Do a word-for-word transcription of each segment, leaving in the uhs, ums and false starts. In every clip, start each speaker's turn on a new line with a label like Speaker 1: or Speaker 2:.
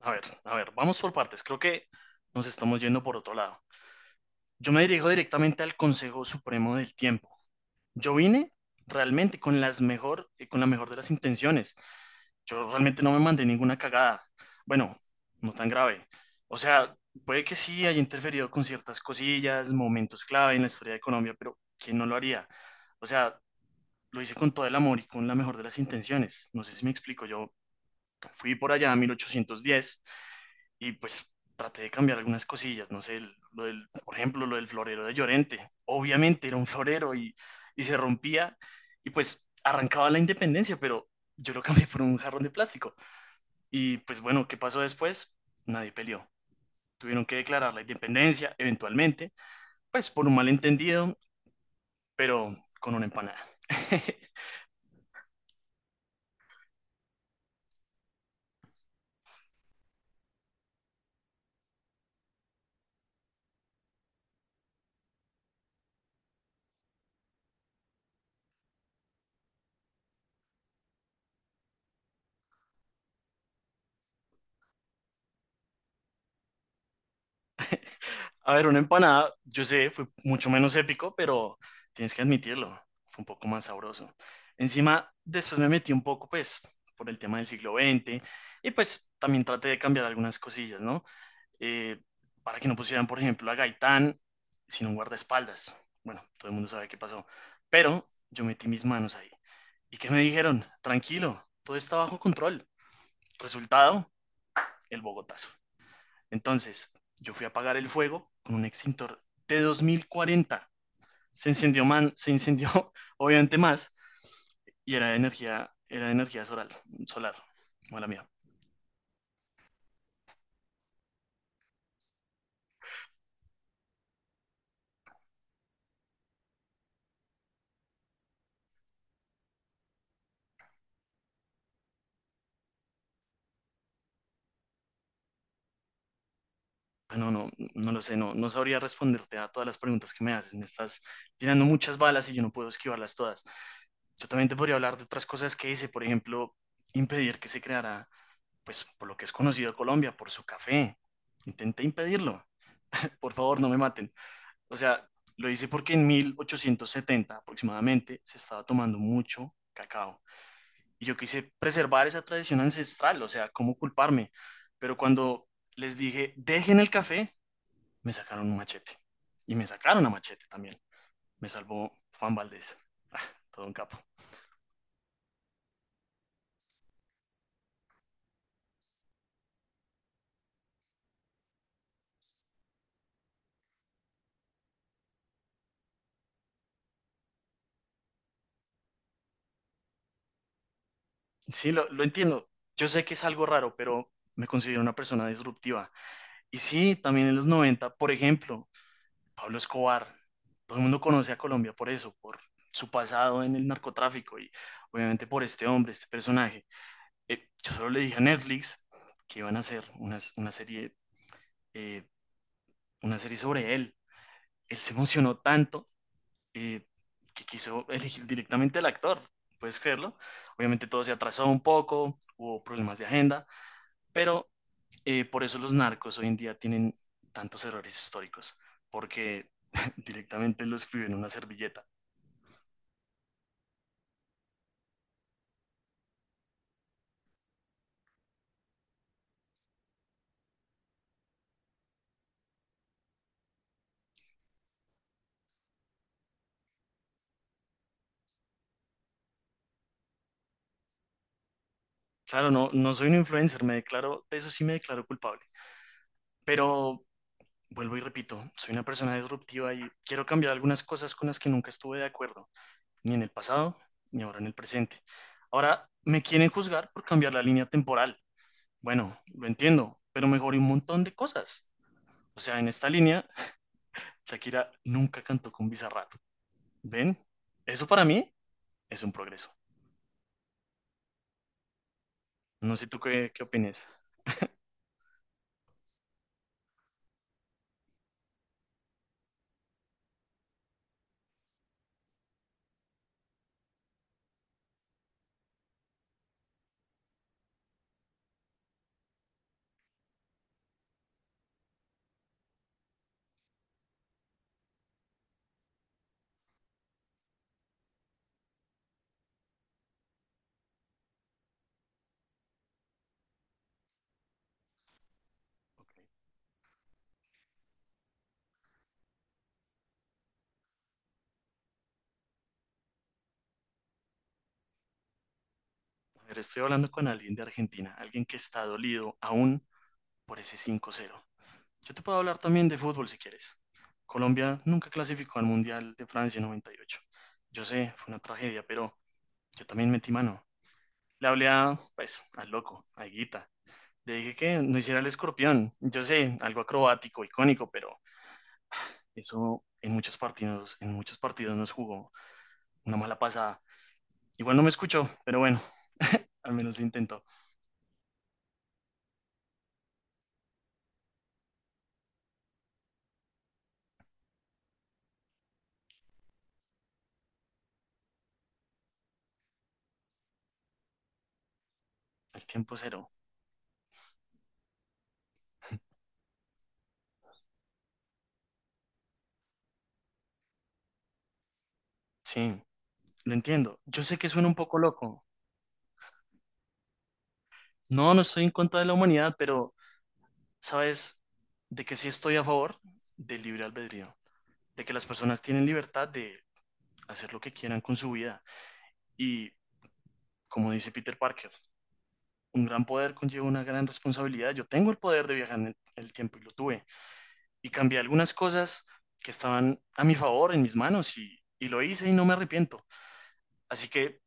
Speaker 1: A ver, a ver, vamos por partes. Creo que nos estamos yendo por otro lado. Yo me dirijo directamente al Consejo Supremo del Tiempo. Yo vine realmente con las mejor, eh, con la mejor de las intenciones. Yo realmente no me mandé ninguna cagada. Bueno, no tan grave. O sea, puede que sí haya interferido con ciertas cosillas, momentos clave en la historia de Colombia, pero ¿quién no lo haría? O sea, lo hice con todo el amor y con la mejor de las intenciones. No sé si me explico. Yo fui por allá a mil ochocientos diez y pues traté de cambiar algunas cosillas, no sé, el- lo del, por ejemplo, lo del florero de Llorente. Obviamente era un florero y, y se rompía y pues arrancaba la independencia, pero yo lo cambié por un jarrón de plástico. Y pues bueno, ¿qué pasó después? Nadie peleó. Tuvieron que declarar la independencia eventualmente, pues por un malentendido, pero con una empanada. A ver, una empanada, yo sé, fue mucho menos épico, pero tienes que admitirlo, fue un poco más sabroso. Encima, después me metí un poco, pues, por el tema del siglo veinte y pues también traté de cambiar algunas cosillas, ¿no? Eh, para que no pusieran, por ejemplo, a Gaitán sin un guardaespaldas. Bueno, todo el mundo sabe qué pasó, pero yo metí mis manos ahí. ¿Y qué me dijeron? Tranquilo, todo está bajo control. Resultado, el Bogotazo. Entonces, yo fui a apagar el fuego con un extintor de dos mil cuarenta. Se incendió, man, se incendió obviamente más y era de energía, era de energía solar, solar, mala mía. Ah, no, no, no lo sé, no, no sabría responderte a todas las preguntas que me haces. Me estás tirando muchas balas y yo no puedo esquivarlas todas. Yo también te podría hablar de otras cosas que hice, por ejemplo, impedir que se creara, pues, por lo que es conocido Colombia, por su café. Intenté impedirlo. Por favor, no me maten. O sea, lo hice porque en mil ochocientos setenta aproximadamente se estaba tomando mucho cacao. Y yo quise preservar esa tradición ancestral, o sea, ¿cómo culparme? Pero cuando les dije, dejen el café, me sacaron un machete. Y me sacaron a machete también. Me salvó Juan Valdés. Ah, todo un capo. Sí, lo, lo entiendo. Yo sé que es algo raro, pero me considero una persona disruptiva. Y sí, también en los noventa, por ejemplo, Pablo Escobar. Todo el mundo conoce a Colombia por eso, por su pasado en el narcotráfico y obviamente por este hombre, este personaje. Eh, yo solo le dije a Netflix que iban a hacer una, una serie, eh, una serie sobre él. Él se emocionó tanto eh, que quiso elegir directamente al actor. ¿Puedes creerlo? Obviamente todo se atrasó un poco, hubo problemas de agenda, pero eh, por eso los narcos hoy en día tienen tantos errores históricos, porque directamente lo escriben en una servilleta. Claro, no, no soy un influencer, me declaro, de eso sí me declaro culpable. Pero vuelvo y repito, soy una persona disruptiva y quiero cambiar algunas cosas con las que nunca estuve de acuerdo, ni en el pasado, ni ahora en el presente. Ahora me quieren juzgar por cambiar la línea temporal. Bueno, lo entiendo, pero mejoré un montón de cosas. O sea, en esta línea, Shakira nunca cantó con Bizarrap. ¿Ven? Eso para mí es un progreso. No sé tú qué, qué opinas. A ver, estoy hablando con alguien de Argentina, alguien que está dolido aún por ese cinco cero. Yo te puedo hablar también de fútbol si quieres. Colombia nunca clasificó al Mundial de Francia noventa y ocho. Yo sé, fue una tragedia, pero yo también metí mano. Le hablé a, pues, al loco, a Higuita. Le dije que no hiciera el escorpión. Yo sé, algo acrobático, icónico, pero eso en muchos partidos, en muchos partidos nos jugó una mala pasada. Igual no me escuchó, pero bueno, al menos lo intentó. El tiempo cero. Sí, lo entiendo. Yo sé que suena un poco loco. No, no estoy en contra de la humanidad, pero ¿sabes de que sí estoy a favor del libre albedrío? De que las personas tienen libertad de hacer lo que quieran con su vida. Y como dice Peter Parker, un gran poder conlleva una gran responsabilidad. Yo tengo el poder de viajar en el, el tiempo y lo tuve. Y cambié algunas cosas que estaban a mi favor, en mis manos, y, y lo hice y no me arrepiento. Así que,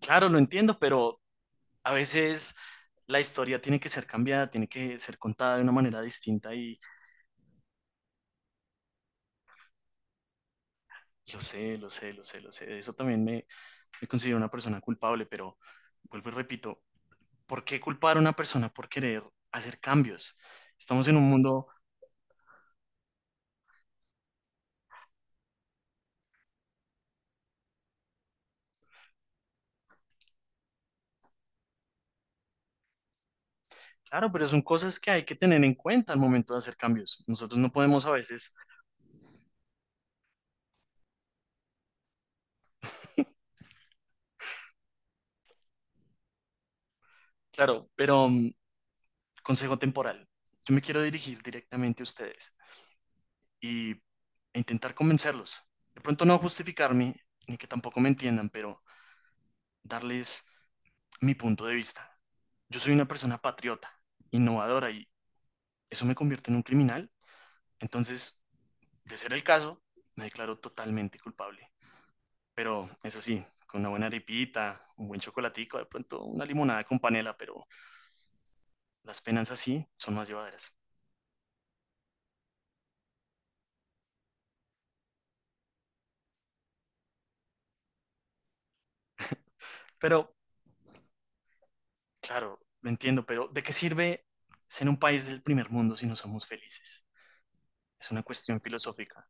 Speaker 1: claro, lo entiendo, pero a veces la historia tiene que ser cambiada, tiene que ser contada de una manera distinta y lo sé, lo sé, lo sé, lo sé. De eso también me, me considero una persona culpable, pero vuelvo y repito, ¿por qué culpar a una persona por querer hacer cambios? Estamos en un mundo, claro, pero son cosas que hay que tener en cuenta al momento de hacer cambios. Nosotros no podemos a veces, claro, pero mm, consejo temporal. Yo me quiero dirigir directamente a ustedes y e intentar convencerlos. De pronto no justificarme, ni que tampoco me entiendan, pero darles mi punto de vista. Yo soy una persona patriota, innovadora y eso me convierte en un criminal. Entonces, de ser el caso, me declaro totalmente culpable. Pero eso sí, con una buena arepita, un buen chocolatico, de pronto una limonada con panela, pero las penas así son más llevaderas. Pero, claro, lo entiendo, pero ¿de qué sirve ser un país del primer mundo si no somos felices? Es una cuestión filosófica.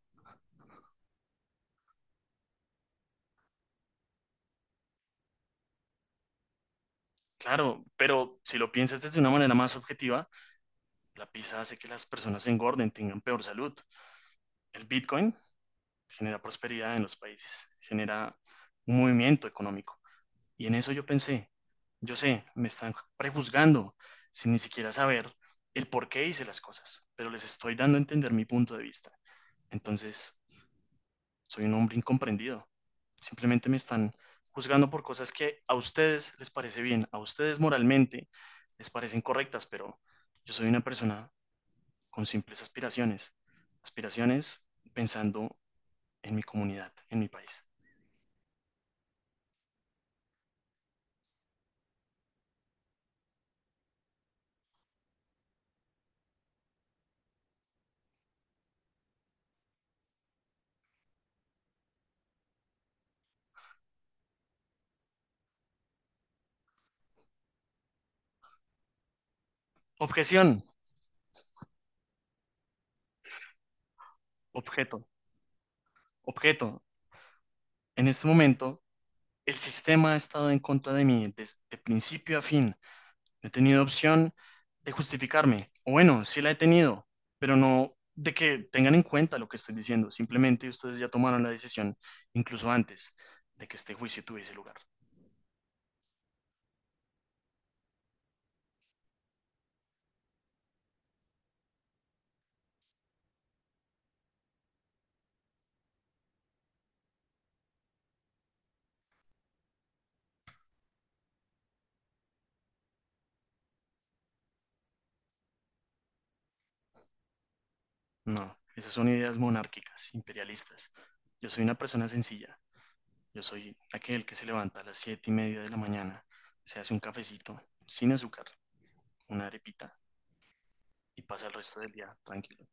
Speaker 1: Claro, pero si lo piensas desde una manera más objetiva, la pizza hace que las personas engorden, tengan peor salud. El Bitcoin genera prosperidad en los países, genera un movimiento económico. Y en eso yo pensé, yo sé, me están prejuzgando sin ni siquiera saber el por qué hice las cosas, pero les estoy dando a entender mi punto de vista. Entonces, soy un hombre incomprendido. Simplemente me están juzgando por cosas que a ustedes les parece bien, a ustedes moralmente les parecen correctas, pero yo soy una persona con simples aspiraciones. Aspiraciones pensando en mi comunidad, en mi país. Objeción, objeto, objeto. En este momento, el sistema ha estado en contra de mí desde principio a fin. No he tenido opción de justificarme. O bueno, sí la he tenido, pero no de que tengan en cuenta lo que estoy diciendo. Simplemente ustedes ya tomaron la decisión, incluso antes de que este juicio tuviese lugar. No, esas son ideas monárquicas, imperialistas. Yo soy una persona sencilla. Yo soy aquel que se levanta a las siete y media de la mañana, se hace un cafecito, sin azúcar, una arepita y pasa el resto del día tranquilo.